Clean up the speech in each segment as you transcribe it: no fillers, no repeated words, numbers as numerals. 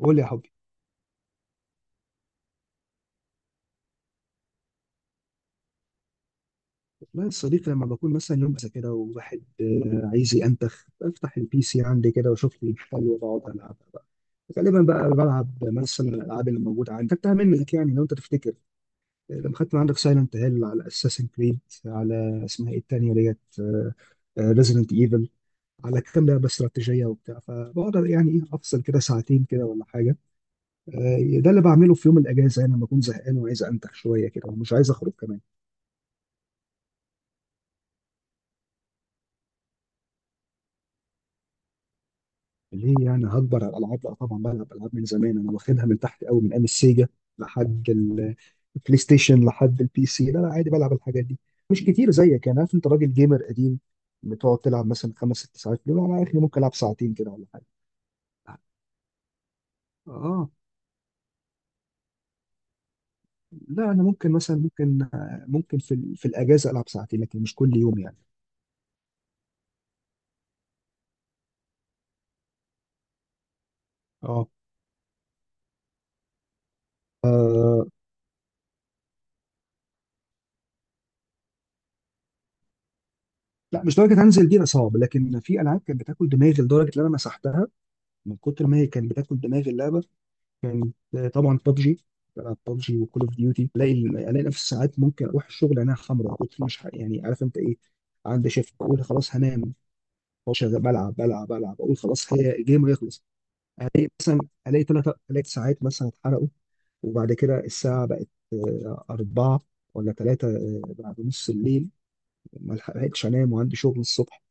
قول لي يا حبي. والله يا صديقي لما بكون مثلا يوم زي كده وواحد عايز ينتخ، بفتح البي سي عندي كده واشوف لي حلو واقعد العب بقى. غالبا بقى بلعب مثلا الالعاب اللي موجوده عندي، خدتها منك يعني لو انت تفتكر. لما خدت من عندك سايلنت هيل، على اساسن كريد، على اسمها ايه التانيه ديت، ريزيدنت ايفل، على كام لعبه استراتيجيه وبتاع، فبقعد يعني ايه افصل كده ساعتين كده ولا حاجه. ده اللي بعمله في يوم الاجازه يعني لما اكون زهقان وعايز انتخ شويه كده ومش عايز اخرج كمان. ليه يعني هكبر على الالعاب؟ لا طبعا بلعب العاب من زمان، انا واخدها من تحت قوي من ايام السيجا لحد ال- البلاي ستيشن، لحد البي سي، لا لا عادي بلعب الحاجات دي. مش كتير زيك يعني، عارف انت راجل جيمر قديم، بتقعد تلعب مثلا خمس ست ساعات. لا انا اخري ممكن العب ساعتين كده ولا حاجه. اه. لا انا ممكن مثلا، ممكن في الاجازه العب ساعتين، لكن مش كل يوم يعني. اه. آه، لا مش درجه هنزل دي، لا صعب، لكن في العاب كانت بتاكل دماغي لدرجه ان انا مسحتها من كتر ما هي كانت بتاكل دماغي اللعبه. كانت طبعا ببجي، بلعب ببجي وكول اوف ديوتي، الاقي نفسي ساعات ممكن اروح الشغل انا خمره، كنت مش ح- يعني عارف انت ايه، عندي شيفت اقول خلاص هنام، أقعد شغال بلعب، اقول خلاص هي الجيم هيخلص. الاقي الاقي ثلاث ساعات مثلا اتحرقوا، وبعد كده الساعه بقت أربعة ولا ثلاثة بعد نص الليل، ما لحقتش أنام وعندي شغل الصبح.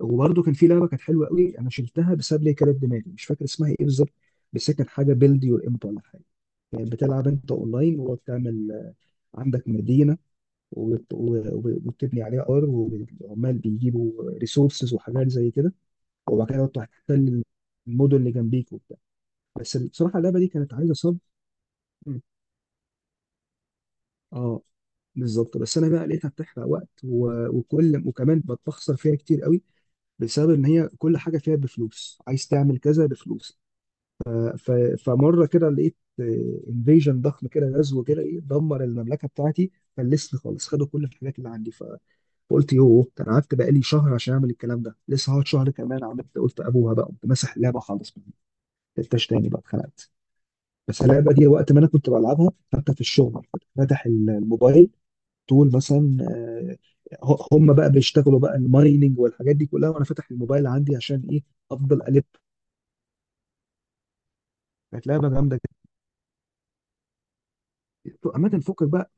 وبرده كان في لعبه كانت حلوه قوي، انا شلتها بسبب لي كانت دماغي، مش فاكر اسمها ايه بالظبط، بس هي كانت حاجه بيلد يور امب ولا حاجه، يعني بتلعب انت اونلاين، وبتعمل عندك مدينه، وبت- و- وبتبني عليها ار، وعمال بيجيبوا ريسورسز وحاجات زي كده، وبعد كده تروح تحتل المدن اللي جنبيك وبتاع. بس بصراحه اللعبه دي كانت عايزه صبر. مم. اه بالظبط. بس انا بقى لقيتها بتحرق وقت وكل، وكمان بتخسر فيها كتير قوي بسبب ان هي كل حاجه فيها بفلوس، عايز تعمل كذا بفلوس. ف- فمره كده لقيت انفيجن ضخم كده، غزو كده ايه، دمر المملكه بتاعتي، فلسني خالص، خدوا كل الحاجات اللي عندي. فقلت يوه ده انا قعدت بقالي شهر عشان اعمل الكلام ده، لسه هقعد شهر كمان؟ عملت قلت ابوها بقى، قمت ماسح اللعبه خالص، ما لعبتهاش تاني بقى، اتخنقت. بس اللعبه دي وقت ما انا كنت بلعبها، حتى في الشغل كنت فاتح الموبايل طول مثلا، هم بقى بيشتغلوا بقى المايننج والحاجات دي كلها، وانا فاتح الموبايل عندي عشان ايه، افضل الف. كانت لعبه جامده جدا. عامه فكك بقى،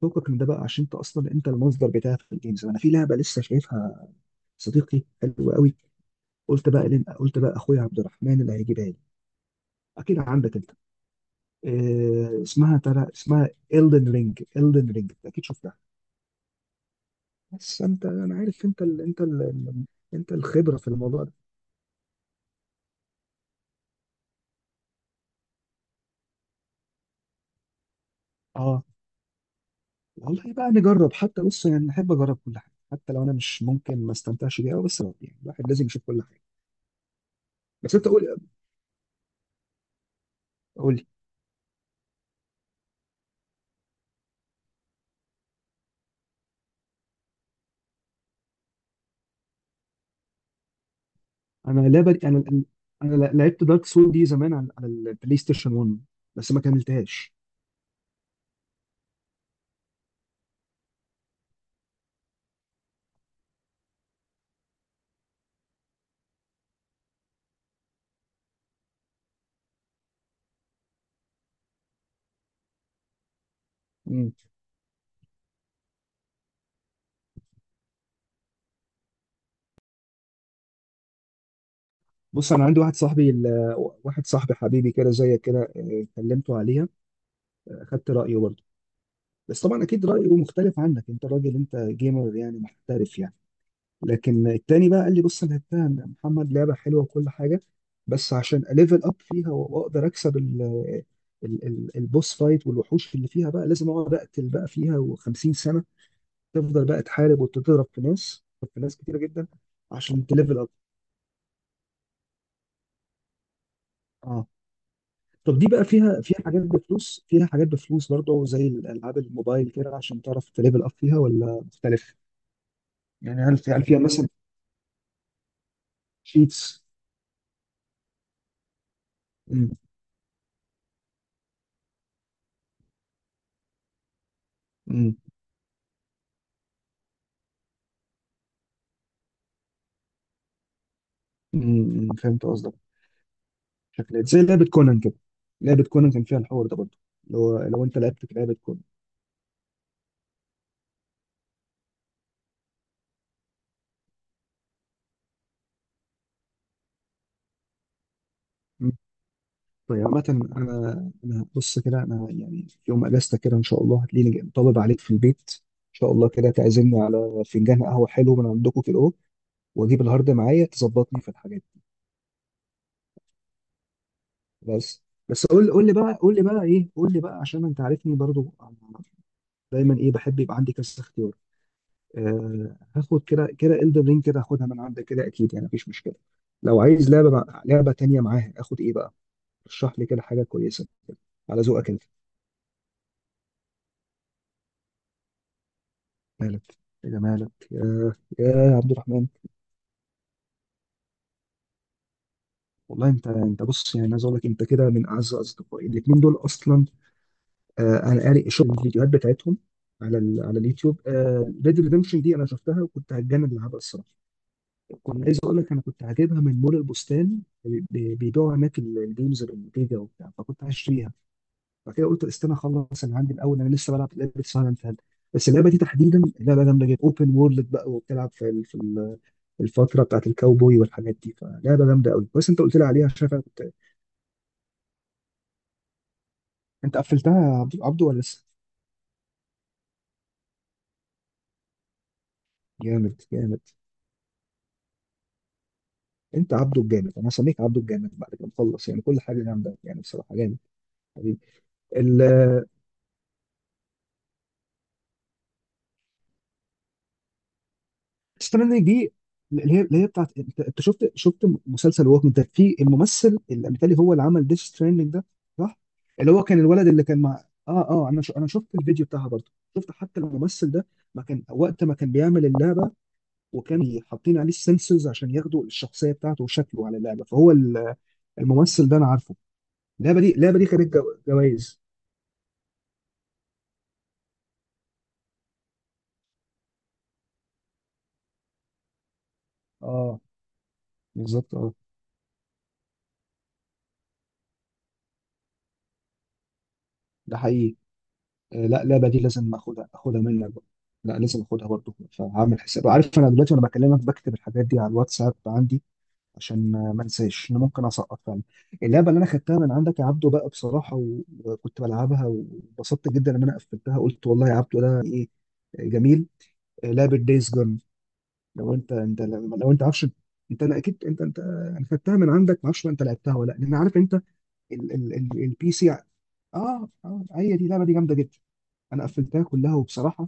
فوقك من ده بقى، عشان انت اصلا انت المصدر بتاعي في الجيمز. انا في لعبه لسه شايفها صديقي، حلوه قوي، قلت بقى لين، قلت بقى اخويا عبد الرحمن اللي هيجيبها لي، اكيد عندك انت. إيه اسمها ترى، اسمها Elden رينج. Elden رينج، اكيد شفتها. بس انت، انا عارف انت ال انت الخبره في الموضوع ده. اه والله بقى نجرب، حتى بص يعني نحب اجرب كل حاجه، حتى لو انا مش ممكن ما استمتعش بيها أوي، بس يعني الواحد لازم يشوف كل حاجه. بس انت قول لي. انا انا لعبت دارك سول دي زمان على البلاي ستيشن 1، بس ما كملتهاش. مم. بص انا عندي واحد صاحبي حبيبي كده زيك كده، كلمته عليها، خدت رايه برضه. بس طبعا اكيد رايه مختلف عنك، انت راجل انت جيمر يعني محترف يعني. لكن التاني بقى قال لي بص انا لعبتها يا محمد، لعبه حلوه وكل حاجه، بس عشان اليفل اب فيها واقدر اكسب البوس فايت والوحوش اللي فيها بقى، لازم اقعد اقتل بقى فيها و50 سنه، تفضل بقى تحارب وتضرب في ناس، تضرب في ناس كتيره جدا عشان تليفل اب. اه. طب دي بقى فيها، حاجات بفلوس، فيها حاجات بفلوس برضه زي الالعاب الموبايل كده، عشان تعرف تليفل اب فيها، ولا مختلف يعني؟ هل فيها مثلا شيتس؟ امم امم فهمت قصدك. شكلها زي لعبه كونان كده، لعبه كونان كان فيها الحوار ده برضه، اللي هو لو انت لعبت في لعبه كونان. طيب عامة أنا بص كده، أنا يعني يوم أجازتك كده إن شاء الله هتلاقيني جاي طالب عليك في البيت، إن شاء الله كده تعزمني على فنجان قهوة حلو من عندكم كده أهو، وأجيب الهارد معايا تظبطني في الحاجات دي. بس بس قول لي بقى، قول لي بقى إيه، قول لي بقى عشان أنت عارفني برضو أنا دايما إيه، بحب يبقى عندي كذا اختيار. أه هاخد كده كده إلدن رينج كده، هاخدها من عندك كده أكيد يعني مفيش مشكلة، لو عايز لعبة تانية معاها، آخد إيه بقى؟ رشح لي كده حاجة كويسة على ذوقك أنت. مالك، يا جمالك يا عبد الرحمن. والله انت، بص يعني عايز اقول لك، انت كده من اعز اصدقائي الاثنين دول اصلا. آه انا قاري شوف الفيديوهات بتاعتهم على ال على اليوتيوب. ريد ريدمشن دي انا شفتها وكنت هتجنن لعبها الصراحه. كنت عايز اقول لك انا كنت هجيبها من مول البستان، بيبيعوا هناك الجيمز بالجيجا وبتاع، فكنت هشتريها. بعد كده قلت استنى اخلص اللي عندي الاول، انا لسه بلعب لعبه اسمها لانفال. بس اللعبه دي تحديدا لعبه جامده جدا، اوبن وورلد بقى، وبتلعب في الفتره بتاعت الكاوبوي والحاجات دي، فلعبه جامده قوي، بس انت قلت لي عليها شايف، أنا كنت. انت قفلتها يا عبدو عبدو ولا لسه؟ جامد جامد، انت عبدو الجامد، انا هسميك عبدو الجامد بعد كده، مخلص يعني كل حاجه جامده، يعني بصراحه جامد. حبيبي. استنى منك دي، اللي هي، اللي هي بتاعت انت، شفت مسلسل ووكينج ديد؟ في الممثل اللي مثالي هو اللي عمل ديث ستراندنج ده. صح. اللي هو كان الولد اللي كان مع اه اه، انا شفت الفيديو بتاعها برضه، شفت حتى الممثل ده ما كان وقت ما كان بيعمل اللعبه، وكان حاطين عليه السنسورز عشان ياخدوا الشخصيه بتاعته وشكله على اللعبه، فهو الممثل ده انا عارفه. اللعبه دي، اللعبه دي خدت جوائز. اه بالظبط اه، ده حقيقي. لا اللعبه دي لازم اخدها، اخدها منك بقى. لا لازم اخدها برضه، فهعمل حساب، عارف انا دلوقتي وانا بكلمك بكتب الحاجات دي على الواتساب عندي عشان ما انساش، انا ممكن اسقط فعلا. اللعبه اللي انا خدتها من عندك يا عبدو بقى بصراحه وكنت بلعبها وانبسطت جدا، لما انا قفلتها قلت والله يا عبدو ده ايه، جميل، لعبه دايز جون. لو انت، انت لو انت عارفش انت، انا اكيد انت، انا خدتها من عندك، ما اعرفش بقى انت لعبتها ولا لا، لان عارف انت البي سي. اه اه، هي دي اللعبه دي جامده جدا، انا قفلتها كلها، وبصراحه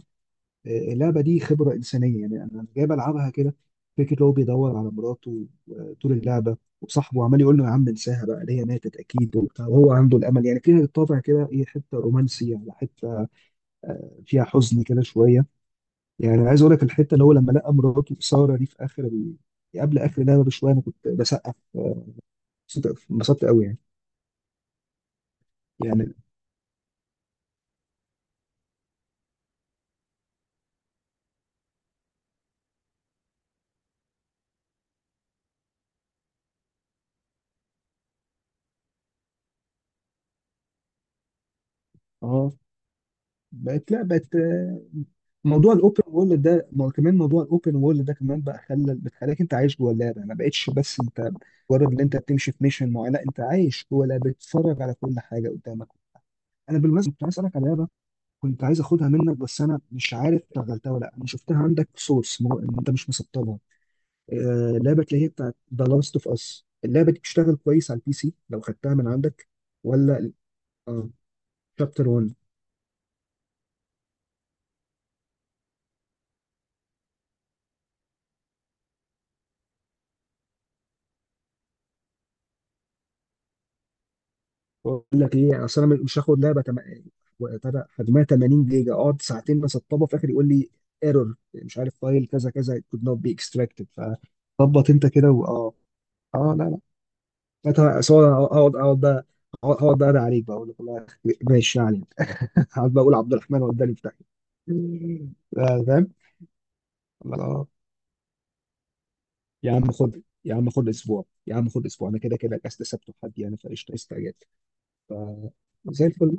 اللعبه دي خبره انسانيه يعني، انا جاي بلعبها كده فكره اللي هو بيدور على مراته طول اللعبه، وصاحبه عمال يقول له يا عم انساها بقى اللي هي ماتت اكيد وبتاع، وهو عنده الامل يعني فيها، الطابع كده ايه، حته رومانسي على حته، فيها حزن كده شويه، يعني عايز اقول لك الحته اللي هو لما لقى مراته ساره دي في قبل اخر اللعبه بشويه، انا كنت بسقف انبسطت قوي يعني. يعني اه بقت، لا بقت موضوع الاوبن وورلد ده كمان، موضوع الاوبن وورلد ده كمان بقى خلى، بتخليك انت عايش جوه اللعبه، ما بقتش بس انت مجرد ان انت بتمشي في ميشن معينه، لا انت عايش جوه اللعبه، بتتفرج على كل حاجه قدامك. انا بالمناسبه كنت عايز اسالك على لعبه، كنت عايز اخدها منك بس انا مش عارف شغلتها ولا لا، انا شفتها عندك في انت مش مسطبها، آه لعبه اللي هي بتاعت ذا لاست اوف اس. اللعبه دي بتشتغل كويس على البي سي لو خدتها من عندك ولا؟ اه شابتر 1. بقول لك ايه، اصل انا مش وبتاع حجمها 80 جيجا اقعد ساعتين بسطبها في الاخر يقول لي ايرور، مش عارف فايل كذا كذا could not be extracted. فظبط انت كده اه. اه لا لا، أنا سواء اقعد بقى، اقعد بقى أدعي عليك بقى، اقول لك والله ماشي يعني، اقعد بقى اقول عبد الرحمن وداني في داهيه. فاهم. لا، يا عم خد، يا عم خد اسبوع، يا عم خد اسبوع، انا كده كده الاجازه سبت وحد يعني، فقشطه استعجلت. ف زي الفل.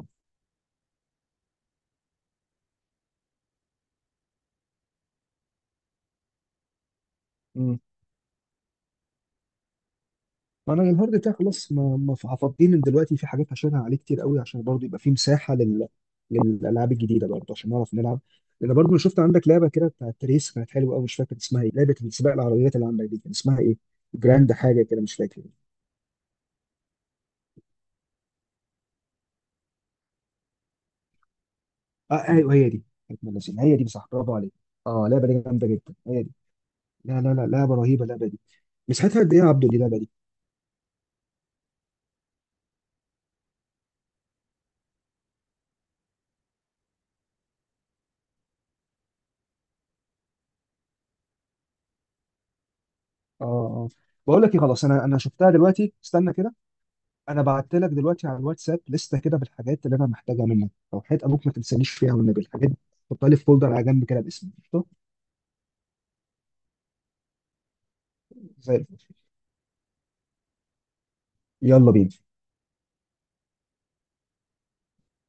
ما انا الهارد بتاعي خلاص، ما ما هفضيه من دلوقتي، في حاجات هشيلها عليه كتير قوي، عشان برضه يبقى في مساحه للالعاب الجديده برضه عشان نعرف نلعب. لان برضه انا شفت عندك لعبه كده بتاعت ريس كانت حلوه قوي، مش فاكر اسمها ايه، لعبه سباق العربيات اللي عندك دي كان اسمها ايه، جراند حاجه كده مش فاكر. اه ايوه هي دي، كانت من اللذينة. هي دي صح، برافو عليك. اه لعبه دي جامده جدا هي دي. لا لا لا لعبه رهيبه اللعبه دي. مساحتها قد ايه يا عبدو دي اللعبه دي؟ اه اه. بقول لك ايه، خلاص انا شفتها دلوقتي، استنى كده، انا بعت لك دلوقتي على الواتساب لسته كده بالحاجات اللي انا محتاجها منك، لو حيت ابوك ما تنسانيش فيها والنبي الحاجات دي، حطها لي في فولدر على جنب كده باسمي، قشطة؟ زي الفل. يلا بينا.